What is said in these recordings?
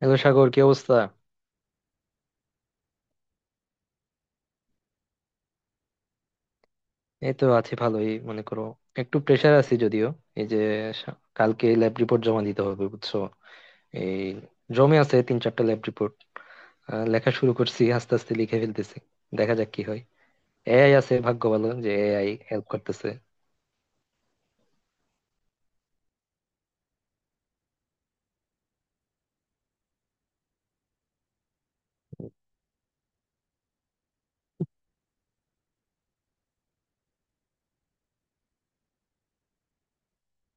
Hello Sagar, কি অবস্থা? এই তো আছি, ভালোই মনে করো। একটু প্রেশার আছি যদিও। এই যে, কালকে ল্যাব রিপোর্ট জমা দিতে হবে বুঝছো। এই, জমে আছে তিন চারটা ল্যাব রিপোর্ট। লেখা শুরু করছি, আস্তে আস্তে লিখে ফেলতেছি। দেখা যাক কি হয়। এআই আছে, ভাগ্য ভালো যে এআই হেল্প করতেছে।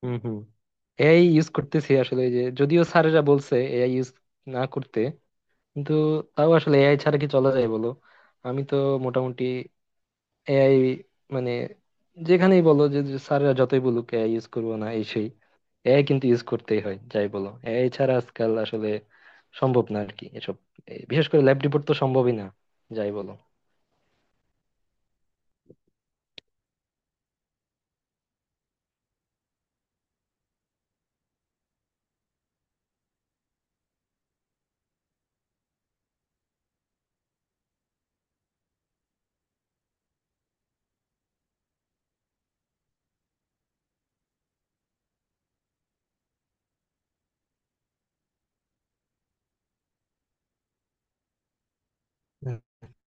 হুম হুম। এআই ইউজ করতেছি আসলে, এই যে যদিও স্যারেরা বলছে এআই ইউজ না করতে, কিন্তু তাও আসলে এআই ছাড়া কি চলা যায় বলো? আমি তো মোটামুটি এআই, মানে যেখানেই বলো যে যে স্যাররা যতই বলুক এআই ইউজ করবো না এই সেই, এআই কিন্তু ইউজ করতেই হয়, যাই বলো এআই ছাড়া আজকাল আসলে সম্ভব না আর কি, এসব বিশেষ করে ল্যাব রিপোর্ট তো সম্ভবই না, যাই বলো।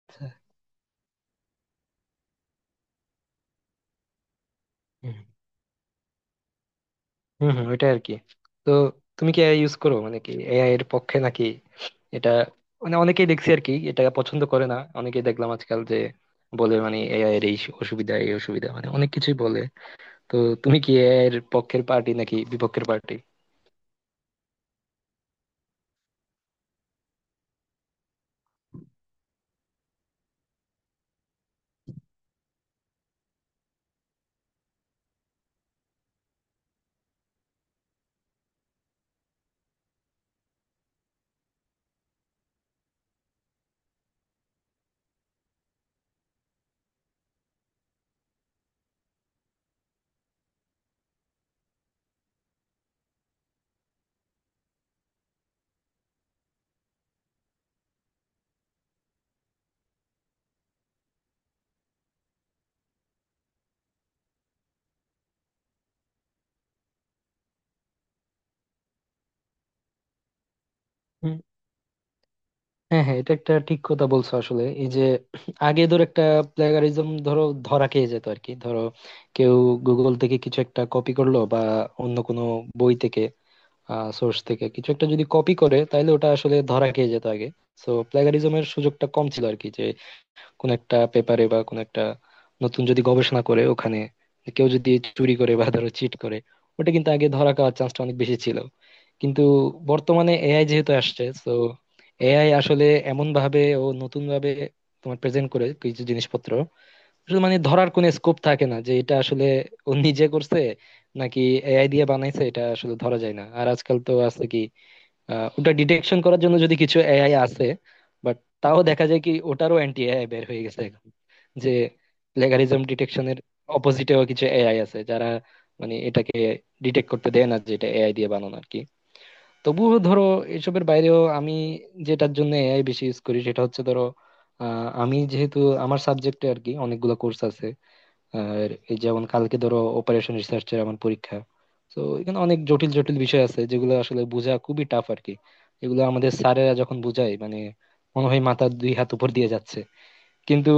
আচ্ছা। হুম হুম, ওইটাই আর কি। তো তুমি কি এআই ইউজ করো? মানে কি এআই এর পক্ষে নাকি এটা? মানে অনেকেই দেখছি আর কি এটা পছন্দ করে না, অনেকেই দেখলাম আজকাল যে বলে মানে এআই এর এই অসুবিধা এই অসুবিধা, মানে অনেক কিছুই বলে। তো তুমি কি এর পক্ষের পার্টি নাকি বিপক্ষের পার্টি? হুম, হ্যাঁ হ্যাঁ, এটা একটা ঠিক কথা বলছো আসলে। এই যে আগে ধর একটা প্লেগারিজম, ধরো ধরা খেয়ে যেত আর কি। ধরো কেউ গুগল থেকে কিছু একটা কপি করলো বা অন্য কোনো বই থেকে সোর্স থেকে কিছু একটা যদি কপি করে, তাহলে ওটা আসলে ধরা খেয়ে যেত আগে। তো প্লেগারিজমের সুযোগটা কম ছিল আর কি, যে কোন একটা পেপারে বা কোন একটা নতুন যদি গবেষণা করে ওখানে কেউ যদি চুরি করে বা ধরো চিট করে, ওটা কিন্তু আগে ধরা খাওয়ার চান্সটা অনেক বেশি ছিল। কিন্তু বর্তমানে এআই যেহেতু আসছে, তো এআই আসলে এমন ভাবে ও নতুন ভাবে তোমার প্রেজেন্ট করে কিছু জিনিসপত্র, আসলে মানে ধরার কোনো স্কোপ থাকে না যে এটা আসলে ও নিজে করছে নাকি এআই দিয়ে বানাইছে, এটা আসলে ধরা যায় না। আর আজকাল তো আছে কি, ওটা ডিটেকশন করার জন্য যদি কিছু এআই আছে, বাট তাও দেখা যায় কি ওটারও অ্যান্টি এআই বের হয়ে গেছে এখন, যে প্লেগারিজম ডিটেকশনের অপোজিটেও কিছু এআই আছে যারা মানে এটাকে ডিটেক্ট করতে দেয় না যে এটা এআই দিয়ে বানানো আর কি। তবুও ধরো এসবের বাইরেও আমি যেটার জন্য এআই বেশি ইউজ করি, সেটা হচ্ছে ধরো আমি যেহেতু আমার সাবজেক্টে আর কি অনেকগুলো কোর্স আছে, আর এই যেমন কালকে ধরো অপারেশন রিসার্চের আমার পরীক্ষা। তো এখানে অনেক জটিল জটিল বিষয় আছে যেগুলো আসলে বোঝা খুবই টাফ আর কি। এগুলো আমাদের স্যারেরা যখন বোঝায় মানে, মনে হয় মাথার দুই হাত উপর দিয়ে যাচ্ছে। কিন্তু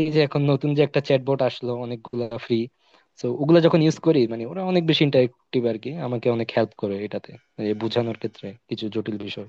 এই যে এখন নতুন যে একটা চ্যাটবট আসলো অনেকগুলা ফ্রি, তো ওগুলা যখন ইউজ করি মানে ওরা অনেক বেশি ইন্টারেক্টিভ আর কি, আমাকে অনেক হেল্প করে এটাতে, মানে বোঝানোর ক্ষেত্রে কিছু জটিল বিষয়।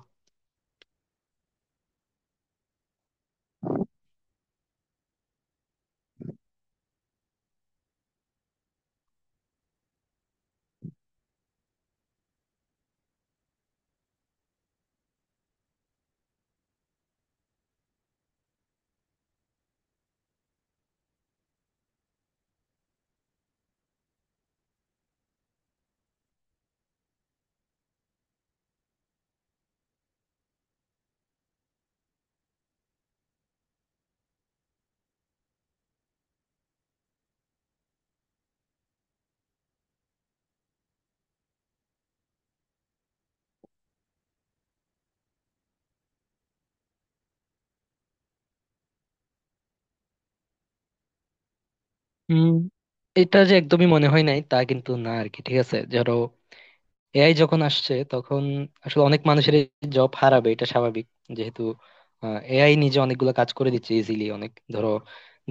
উম এটা যে একদমই মনে হয় নাই তা কিন্তু না আর কি। ঠিক আছে ধরো এআই যখন আসছে তখন আসলে অনেক মানুষের জব হারাবে এটা স্বাভাবিক, যেহেতু এআই নিজে অনেকগুলো কাজ করে দিচ্ছে ইজিলি। অনেক ধরো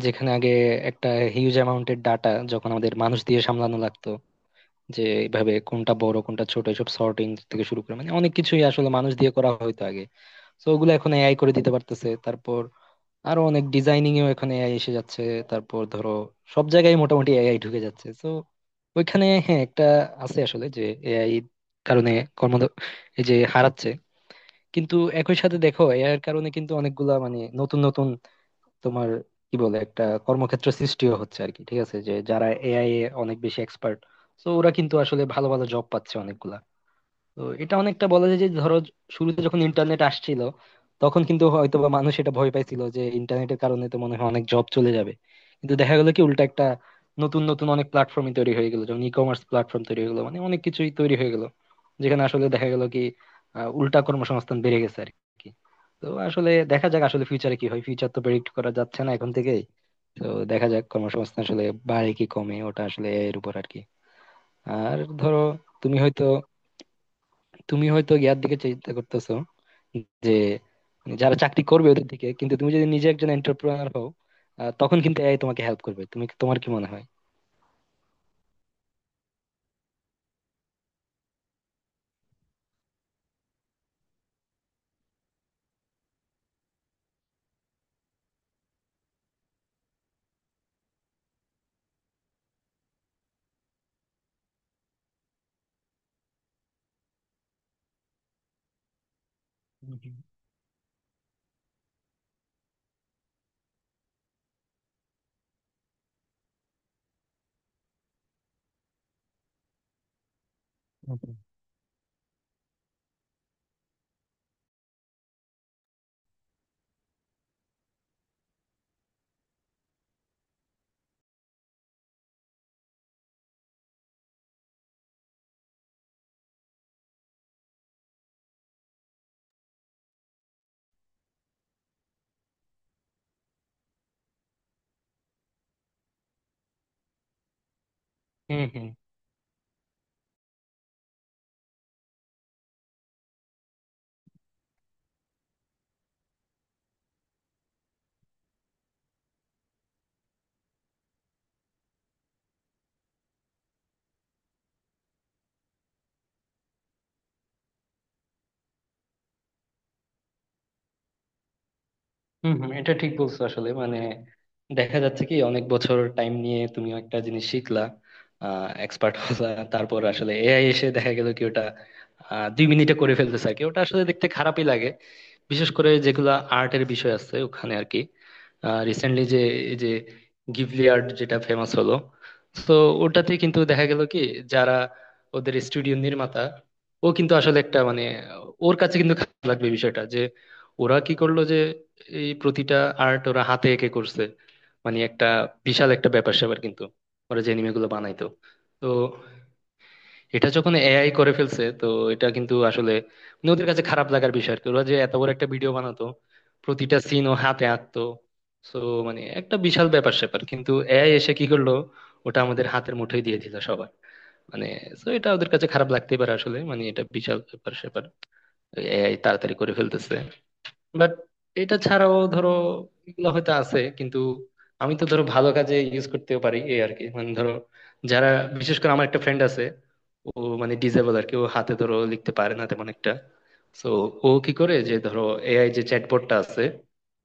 যেখানে আগে একটা হিউজ অ্যামাউন্টের ডাটা যখন আমাদের মানুষ দিয়ে সামলানো লাগতো, যে এইভাবে কোনটা বড় কোনটা ছোট এসব সর্টিং থেকে শুরু করে মানে অনেক কিছুই আসলে মানুষ দিয়ে করা হয়তো আগে, তো ওগুলো এখন এআই করে দিতে পারতেছে। তারপর আরো অনেক ডিজাইনিং এও এখন এআই এসে যাচ্ছে। তারপর ধরো সব জায়গায় মোটামুটি এআই ঢুকে যাচ্ছে, তো ওইখানে হ্যাঁ একটা আছে আসলে, যে এআই কারণে কর্ম এই যে হারাচ্ছে। কিন্তু একই সাথে দেখো এআই এর কারণে কিন্তু অনেকগুলা মানে নতুন নতুন তোমার কি বলে একটা কর্মক্ষেত্র সৃষ্টিও হচ্ছে আর কি। ঠিক আছে, যে যারা এআই এ অনেক বেশি এক্সপার্ট, তো ওরা কিন্তু আসলে ভালো ভালো জব পাচ্ছে অনেকগুলা। তো এটা অনেকটা বলা যায় যে ধরো শুরুতে যখন ইন্টারনেট আসছিল, তখন কিন্তু হয়তো বা মানুষ এটা ভয় পাইছিল যে ইন্টারনেটের কারণে তো মনে হয় অনেক জব চলে যাবে। কিন্তু দেখা গেলো কি উল্টা একটা, নতুন নতুন অনেক প্ল্যাটফর্মই তৈরি হয়ে গেলো, যেমন ই কমার্স প্ল্যাটফর্ম তৈরি হয়ে গেলো, মানে অনেক কিছুই তৈরি হয়ে গেলো যেখানে আসলে দেখা গেলো কি উল্টা কর্মসংস্থান বেড়ে গেছে আর কি। তো আসলে দেখা যাক আসলে ফিউচারে কি হয়, ফিউচার তো প্রেডিক্ট করা যাচ্ছে না এখন থেকেই। তো দেখা যাক কর্মসংস্থান আসলে বাড়ে কি কমে, ওটা আসলে এর উপর আর কি। আর ধরো তুমি হয়তো তুমি হয়তো ইয়ার দিকে চিন্তা করতেছো, যে মানে যারা চাকরি করবে ওদের দিকে, কিন্তু তুমি যদি নিজে একজন এন্টারপ্রেনার হও, তখন কিন্তু এআই তোমাকে হেল্প করবে। তুমি, তোমার কি মনে হয়? হুম হুম। হুম, হুম। হম হম, এটা ঠিক বলছো আসলে, মানে দেখা যাচ্ছে কি অনেক বছর টাইম নিয়ে তুমি একটা জিনিস শিখলা, এক্সপার্ট হলা, তারপর আসলে এআই এসে দেখা গেল কি ওটা দুই মিনিটে করে ফেলতেছে আর কি। ওটা আসলে দেখতে খারাপই লাগে, বিশেষ করে যেগুলা আর্টের বিষয় আছে ওখানে আর কি। রিসেন্টলি যে এই যে গিবলি আর্ট যেটা ফেমাস হলো, তো ওটাতে কিন্তু দেখা গেল কি যারা ওদের স্টুডিও নির্মাতা, ও কিন্তু আসলে একটা মানে ওর কাছে কিন্তু খারাপ লাগবে বিষয়টা, যে ওরা কি করলো যে এই প্রতিটা আর্ট ওরা হাতে এঁকে করছে। মানে একটা বিশাল একটা ব্যাপার স্যাপার কিন্তু, ওরা যে অ্যানিমে গুলো বানাইতো, তো এটা যখন এআই করে ফেলছে তো এটা কিন্তু আসলে মানে ওদের কাছে খারাপ লাগার বিষয় আর কি। ওরা যে এত বড় একটা ভিডিও বানাতো, প্রতিটা সিন ও হাতে আঁকতো, তো মানে একটা বিশাল ব্যাপার স্যাপার। কিন্তু এআই এসে কি করলো, ওটা আমাদের হাতের মুঠোয় দিয়ে দিল সবার মানে। তো এটা ওদের কাছে খারাপ লাগতেই পারে আসলে, মানে এটা বিশাল ব্যাপার স্যাপার, এআই তাড়াতাড়ি করে ফেলতেছে। বাট এটা ছাড়াও ধরো এগুলো হয়তো আছে কিন্তু, আমি তো ধরো ভালো কাজে ইউজ করতেও পারি এই আর কি। মানে ধরো যারা বিশেষ করে, আমার একটা ফ্রেন্ড আছে, ও মানে ডিজেবল আর কি, ও হাতে ধরো লিখতে পারে না তেমন একটা। সো ও কি করে যে, ধরো এআই যে চ্যাটবটটা আছে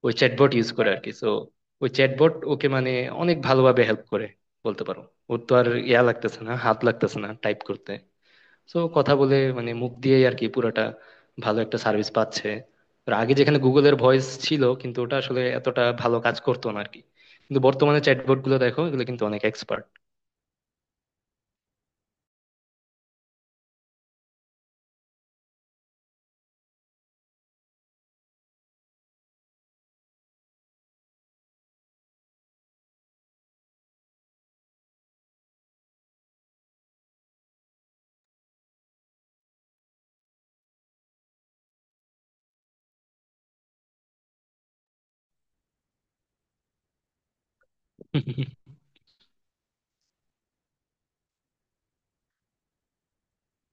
ওই চ্যাটবট ইউজ করে আর কি। সো ওই চ্যাটবট ওকে মানে অনেক ভালোভাবে হেল্প করে বলতে পারো। ওর তো আর ইয়া লাগতেছে না, হাত লাগতেছে না টাইপ করতে, সো কথা বলে মানে মুখ দিয়েই আর কি পুরোটা ভালো একটা সার্ভিস পাচ্ছে। আর আগে যেখানে গুগলের ভয়েস ছিল, কিন্তু ওটা আসলে এতটা ভালো কাজ করতো না আর কি, কিন্তু বর্তমানে চ্যাটবট গুলো দেখো এগুলো কিন্তু অনেক এক্সপার্ট।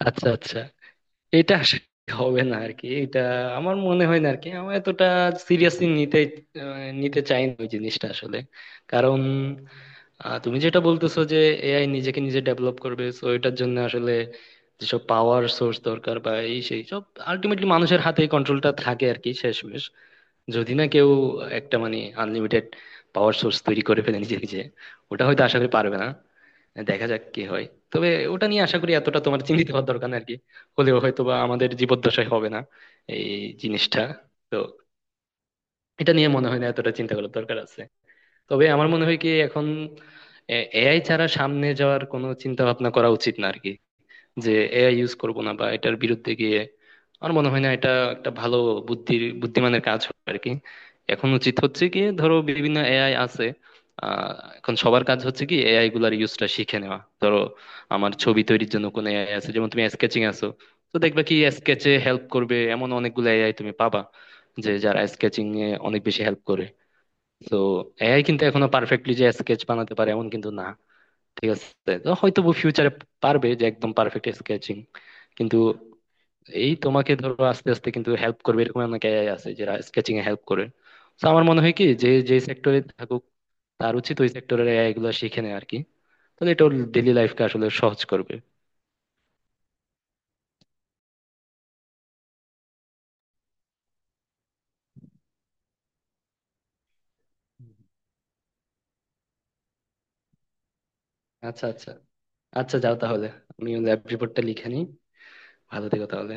আচ্ছা আচ্ছা, এটা আসলে হবে না আর কি এটা, আমার মনে হয় না আর কি। আমার এতটা সিরিয়াসলি নিতে, আহ, নিতে চাই না ওই জিনিসটা আসলে। কারণ তুমি যেটা বলতেছো যে এআই নিজেকে নিজে ডেভেলপ করবে, তো এটার জন্য আসলে যেসব পাওয়ার সোর্স দরকার বা এই সেই সব, আলটিমেটলি মানুষের হাতে কন্ট্রোলটা থাকে আর কি শেষমেশ। যদি না কেউ একটা মানে আনলিমিটেড পাওয়ার সোর্স তৈরি করে ফেলে নিজে নিজে, ওটা হয়তো আশা করি পারবে না। দেখা যাক কি হয়। তবে ওটা নিয়ে আশা করি এতটা তোমার চিন্তিত হওয়ার দরকার নেই আর কি, হলেও হয়তো বা আমাদের জীবদ্দশায় হবে না এই জিনিসটা। তো এটা নিয়ে মনে হয় না এতটা চিন্তা করার দরকার আছে। তবে আমার মনে হয় কি এখন এআই ছাড়া সামনে যাওয়ার কোনো চিন্তা ভাবনা করা উচিত না আর কি, যে এআই ইউজ করব না বা এটার বিরুদ্ধে গিয়ে। আমার মনে হয় না এটা একটা ভালো বুদ্ধিমানের কাজ হবে আর কি। এখন উচিত হচ্ছে কি ধরো বিভিন্ন এআই আছে, আহ, এখন সবার কাজ হচ্ছে কি এআই গুলার ইউজটা শিখে নেওয়া। ধরো আমার ছবি তৈরির জন্য কোনো এআই আছে, যেমন তুমি স্কেচিং আছো, তো দেখবে কি স্কেচে হেল্প করবে এমন অনেকগুলো এআই তুমি পাবা, যে যারা স্কেচিং এ অনেক বেশি হেল্প করে। তো এআই কিন্তু এখনো পারফেক্টলি যে স্কেচ বানাতে পারে এমন কিন্তু না, ঠিক আছে? তো হয়তো ফিউচারে পারবে, যে একদম পারফেক্ট স্কেচিং, কিন্তু এই তোমাকে ধরো আস্তে আস্তে কিন্তু হেল্প করবে এরকম অনেক এআই আছে যারা স্কেচিং এ হেল্প করে। তো আমার মনে হয় কি যে যে সেক্টরে থাকুক, তার উচিত ওই সেক্টরের এআই গুলো শিখে নেয় আর কি, তাহলে এটা ওর ডেইলি লাইফকে আসলে সহজ করবে। আচ্ছা আচ্ছা, আচ্ছা যাও তাহলে, আমি ল্যাব রিপোর্টটা লিখে নিই। ভালো থেকো তাহলে।